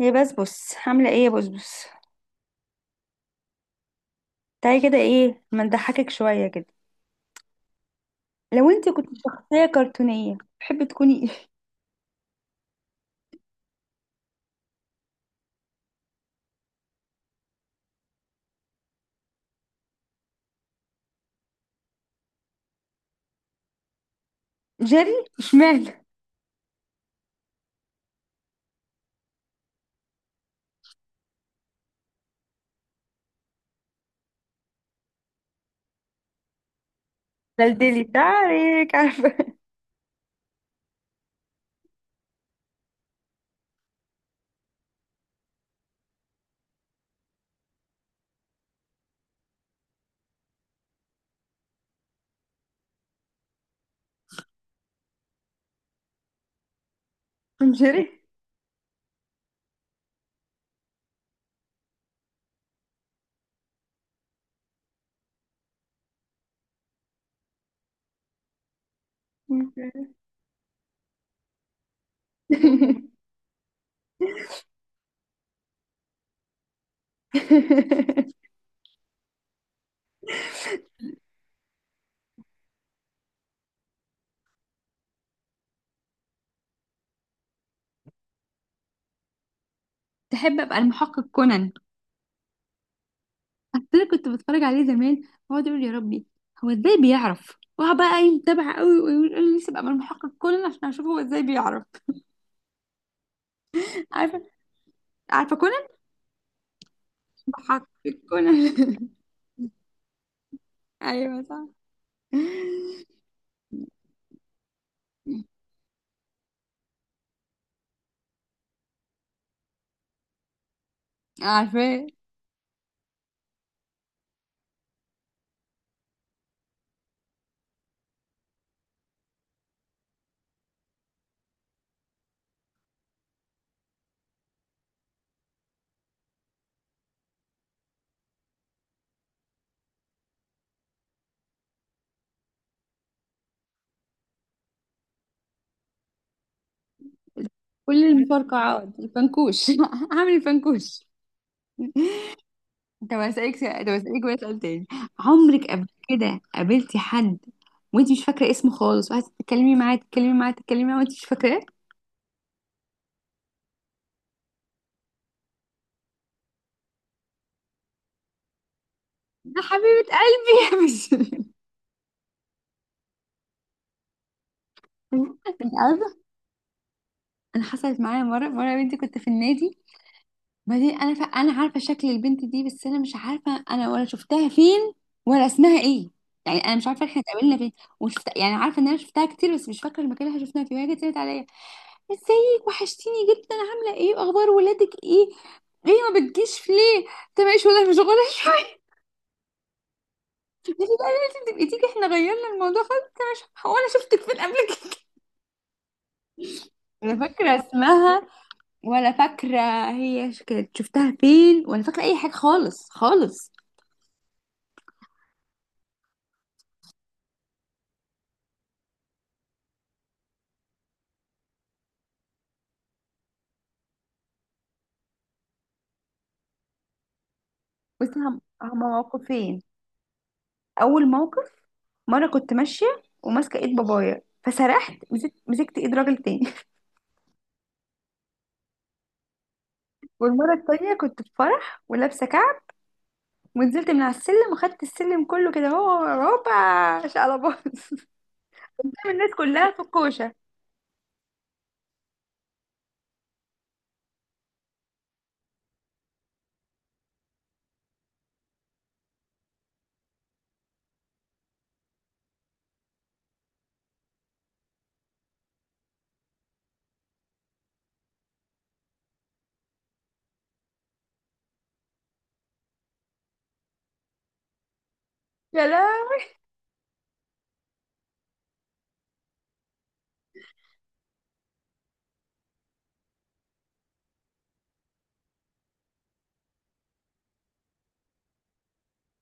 هي بسبس، عاملة ايه يا بسبس؟ تعالي كده، ايه ما نضحكك شوية كده. لو انت كنت شخصية كرتونية تحبي تكوني ايه؟ جيري؟ اشمعنى؟ دلدلي تعارك، عارفة؟ جيري. تحب ابقى المحقق كونان. اصل كنت بتفرج عليه زمان، واقعد اقول يا ربي، هو ازاي بيعرف؟ واقعد بقى يتابع قوي ويقول لي نفسي ابقى من المحقق كونان عشان اشوف هو ازاي بيعرف. عارفه. عارفه كونان. محقق كونان. ايوه، صح. عارفاه. كل المفرقعات، الفنكوش. عامل الفنكوش. طب هسألك بقى سؤال تاني. عمرك قبل كده قابلتي حد وانت مش فاكرة اسمه خالص، وقعدتي تتكلمي معاه تتكلمي معاه تتكلمي معاه وانت مش فاكراه؟ ده حبيبة قلبي يا بس. انت عارفة. انا حصلت معايا مرة. مرة يا بنتي كنت في النادي، بعدين انا عارفه شكل البنت دي، بس انا مش عارفه انا ولا شفتها فين ولا اسمها ايه. يعني انا مش عارفه احنا اتقابلنا فين. وشفت، يعني عارفه ان انا شفتها كتير، بس مش فاكره المكان اللي إحنا شفناها فيه. وهي جت قالت عليا، ازيك، وحشتيني جدا، عامله ايه، واخبار ولادك ايه، ليه ما بتجيش، ليه انت مش ولا مشغوله شويه؟ قالت لي بقى لازم تبقي تيجي، احنا غيرنا الموضوع خالص. انت مش هو، انا شفتك فين قبل كده؟ انا فاكره اسمها ولا فاكره، هي كانت شفتها فين، ولا فاكره اي حاجه خالص خالص. بس هما موقفين. اول موقف، مره كنت ماشيه وماسكه ايد بابايا فسرحت مسكت ايد راجل تاني. والمره التانيه كنت في فرح ولابسه كعب، ونزلت من على السلم وخدت السلم كله كده، هو هوبا شقلباظ. قدام الناس كلها في الكوشه. يا لا.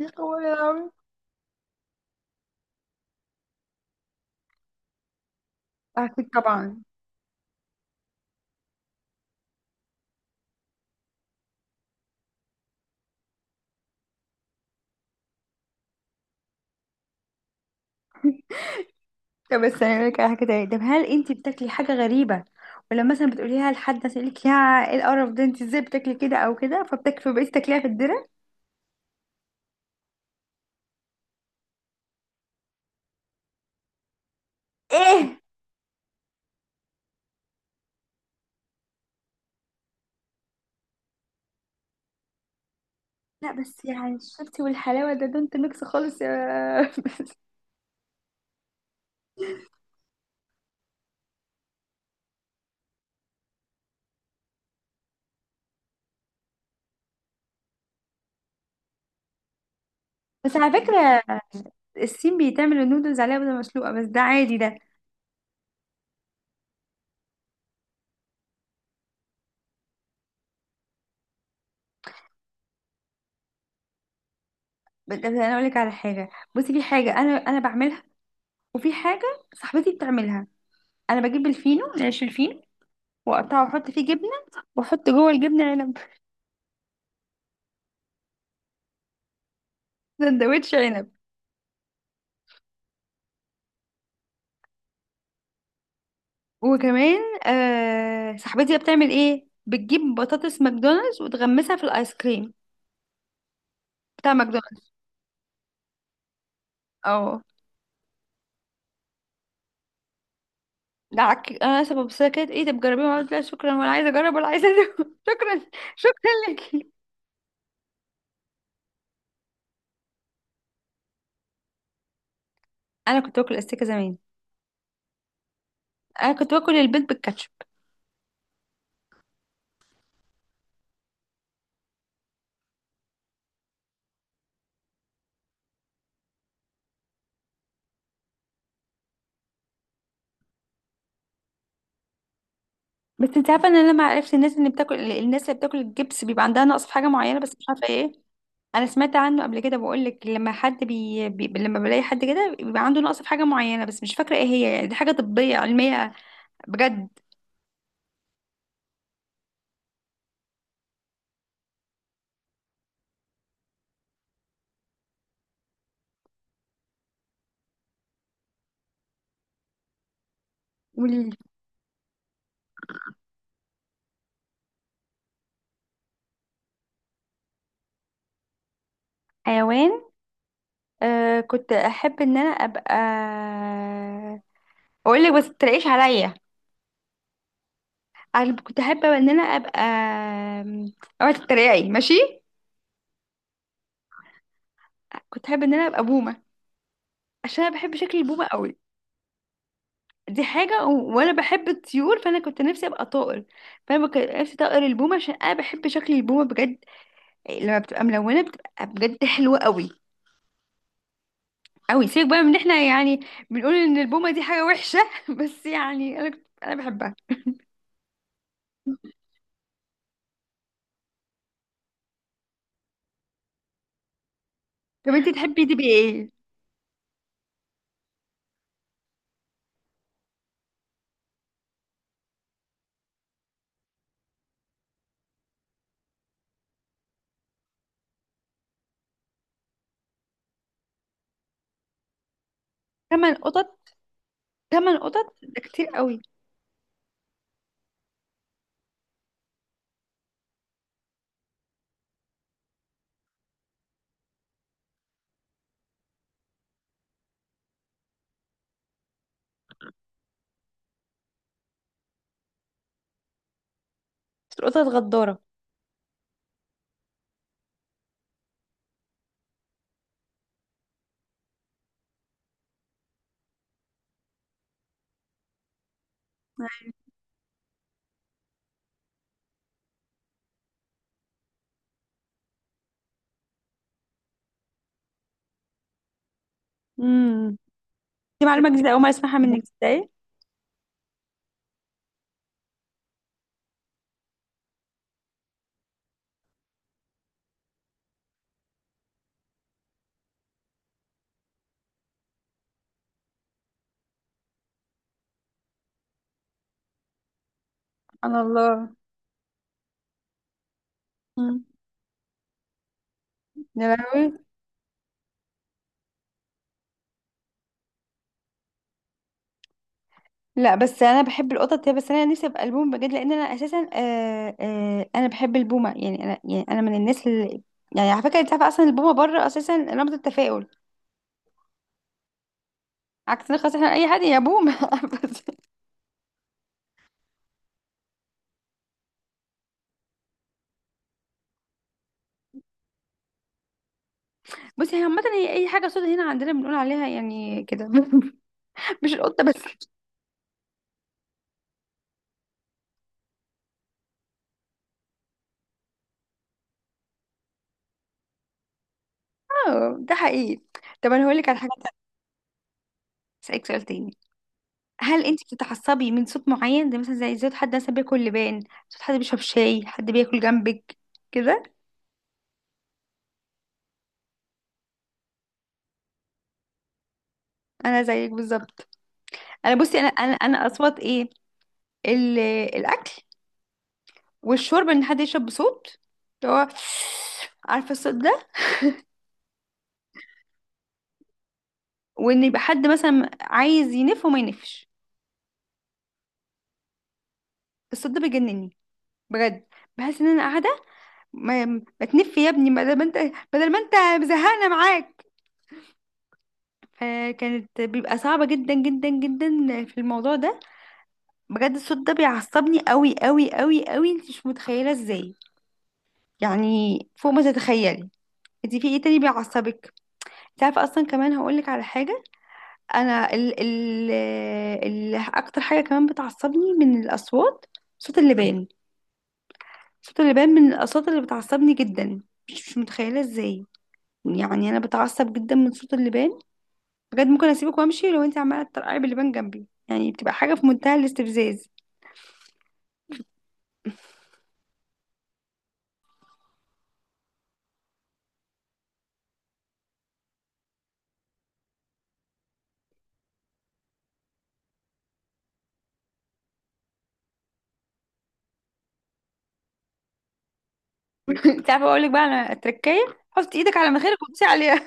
يا قوي يا لهوي. اكيد طبعا. طب بس انا لك حاجه تانية. طب هل انت بتاكلي حاجه غريبه، ولما مثلا بتقوليها لحد يسألك يا ايه القرف ده، انت ازاي بتاكلي كده او كده، فبتكفي بقيتي تاكليها في الدرة؟ ايه؟ لا بس يعني الشطي والحلاوة ده دونت ميكس خالص يا بس. بس على فكرة، الصين بيتعملوا النودلز عليها بيضة مسلوقة، بس ده عادي ده. بس انا اقول لك على حاجة. بصي، في حاجة انا بعملها، وفي حاجة صاحبتي بتعملها. انا بجيب الفينو، العيش الفينو، واقطعه واحط فيه جبنة، واحط جوه الجبنة عنب. سندوتش عنب. وكمان آه، صاحبتي بتعمل ايه، بتجيب بطاطس ماكدونالدز وتغمسها في الايس كريم بتاع ماكدونالدز. اه. دعك، انا سبب، بس هي كانت ايه ده، بتجربيها؟ قلت لا شكرا، ولا عايزه اجرب ولا عايزه أدوق. شكرا. شكرا لك. انا كنت باكل استيكه زمان. انا كنت باكل البيض بالكاتشب. بس انت عارفه ان انا لما عرفت الناس اللي بتاكل، الناس اللي بتاكل الجبس بيبقى عندها نقص في حاجه معينه، بس مش عارفه ايه. انا سمعت عنه قبل كده، بقول لك لما حد لما بلاقي حد كده بيبقى عنده نقص في حاجه معينه، بس مش فاكره ايه هي، يعني دي حاجه طبيه علميه. بجد. والحيوان، كنت احب ان انا ابقى، اقول لك بس تلاقيش عليا. أنا كنت أحب إن أنا أبقى، أوعي تتريقي. ماشي. كنت أحب إن أنا أبقى بومة، عشان أنا بحب شكل البومة قوي. دي حاجة، وأنا بحب الطيور، فأنا كنت نفسي أبقى طائر. فأنا كنت نفسي طائر البومة، عشان أنا بحب شكل البومة بجد. لما بتبقى ملونة بتبقى بجد حلوة قوي قوي. سيبك بقى من إن إحنا يعني بنقول إن البومة دي حاجة وحشة. بس يعني أنا بحبها. طب أنت تحبي تبقي إيه؟ 8 قطط. 8 قطط ده كتير قوي. بس القطط غدارة. امم. دي معلومة جديدة، أول مرة أسمعها منك، ازاي؟ سبحان الله. مم. يا لهوي. لا بس انا بحب القطط يا بس، انا نفسي ابقى البومه بجد، لان انا اساسا انا بحب البومه. يعني انا، يعني انا من الناس اللي، يعني على فكره، انت عارفه اصلا البومه بره اساسا رمز التفاؤل. عكسنا خلاص، احنا اي حد يا بومه. بس بصي هي عامه، هي اي حاجه سودا هنا عندنا بنقول عليها يعني كده. مش القطه بس. اه ده حقيقي. طب انا هقول لك على حاجه تانية، اسالك سؤال تاني. هل انت بتتعصبي من صوت معين، ده مثلا زي صوت حد مثلا بياكل لبان، صوت حد بيشرب شاي، حد بياكل جنبك كده؟ انا زيك بالظبط. انا بصي، انا اصوات ايه، ال- الاكل والشرب، ان حد يشرب بصوت، اللي هو عارفه الصوت ده، وان يبقى حد مثلا عايز ينف وما ينفش. الصوت ده بيجنني بجد. بحس ان انا قاعده، ما تنف يا ابني، بدل ما انت مزهقنا معاك. فكانت بيبقى صعبه جدا جدا جدا في الموضوع ده. بجد الصوت ده بيعصبني قوي قوي قوي قوي، انت مش متخيله ازاي، يعني فوق ما تتخيلي. انت في ايه تاني بيعصبك؟ تعرف اصلا كمان هقولك على حاجه. انا ال اكتر حاجه كمان بتعصبني من الاصوات، صوت اللبان. صوت اللبان من الاصوات اللي بتعصبني جدا، مش متخيله ازاي. يعني انا بتعصب جدا من صوت اللبان. بجد ممكن اسيبك وامشي لو انت عماله تطرقعي باللبان جنبي، يعني بتبقى حاجه في منتهى الاستفزاز. انت عارفه اقولك بقى على تركايه، حط ايدك على مناخيرك وتدوسي عليها.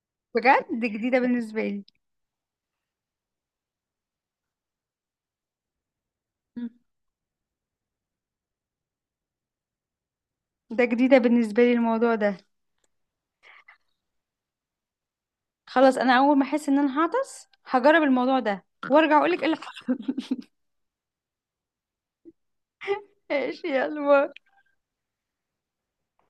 بجد جديده بالنسبه لي. مم. ده جديده بالنسبه لي الموضوع ده. خلاص، انا اول ما احس ان انا هعطس هجرب الموضوع ده، وارجع اقولك ايه اللي حصل. ماشي يا قلبي.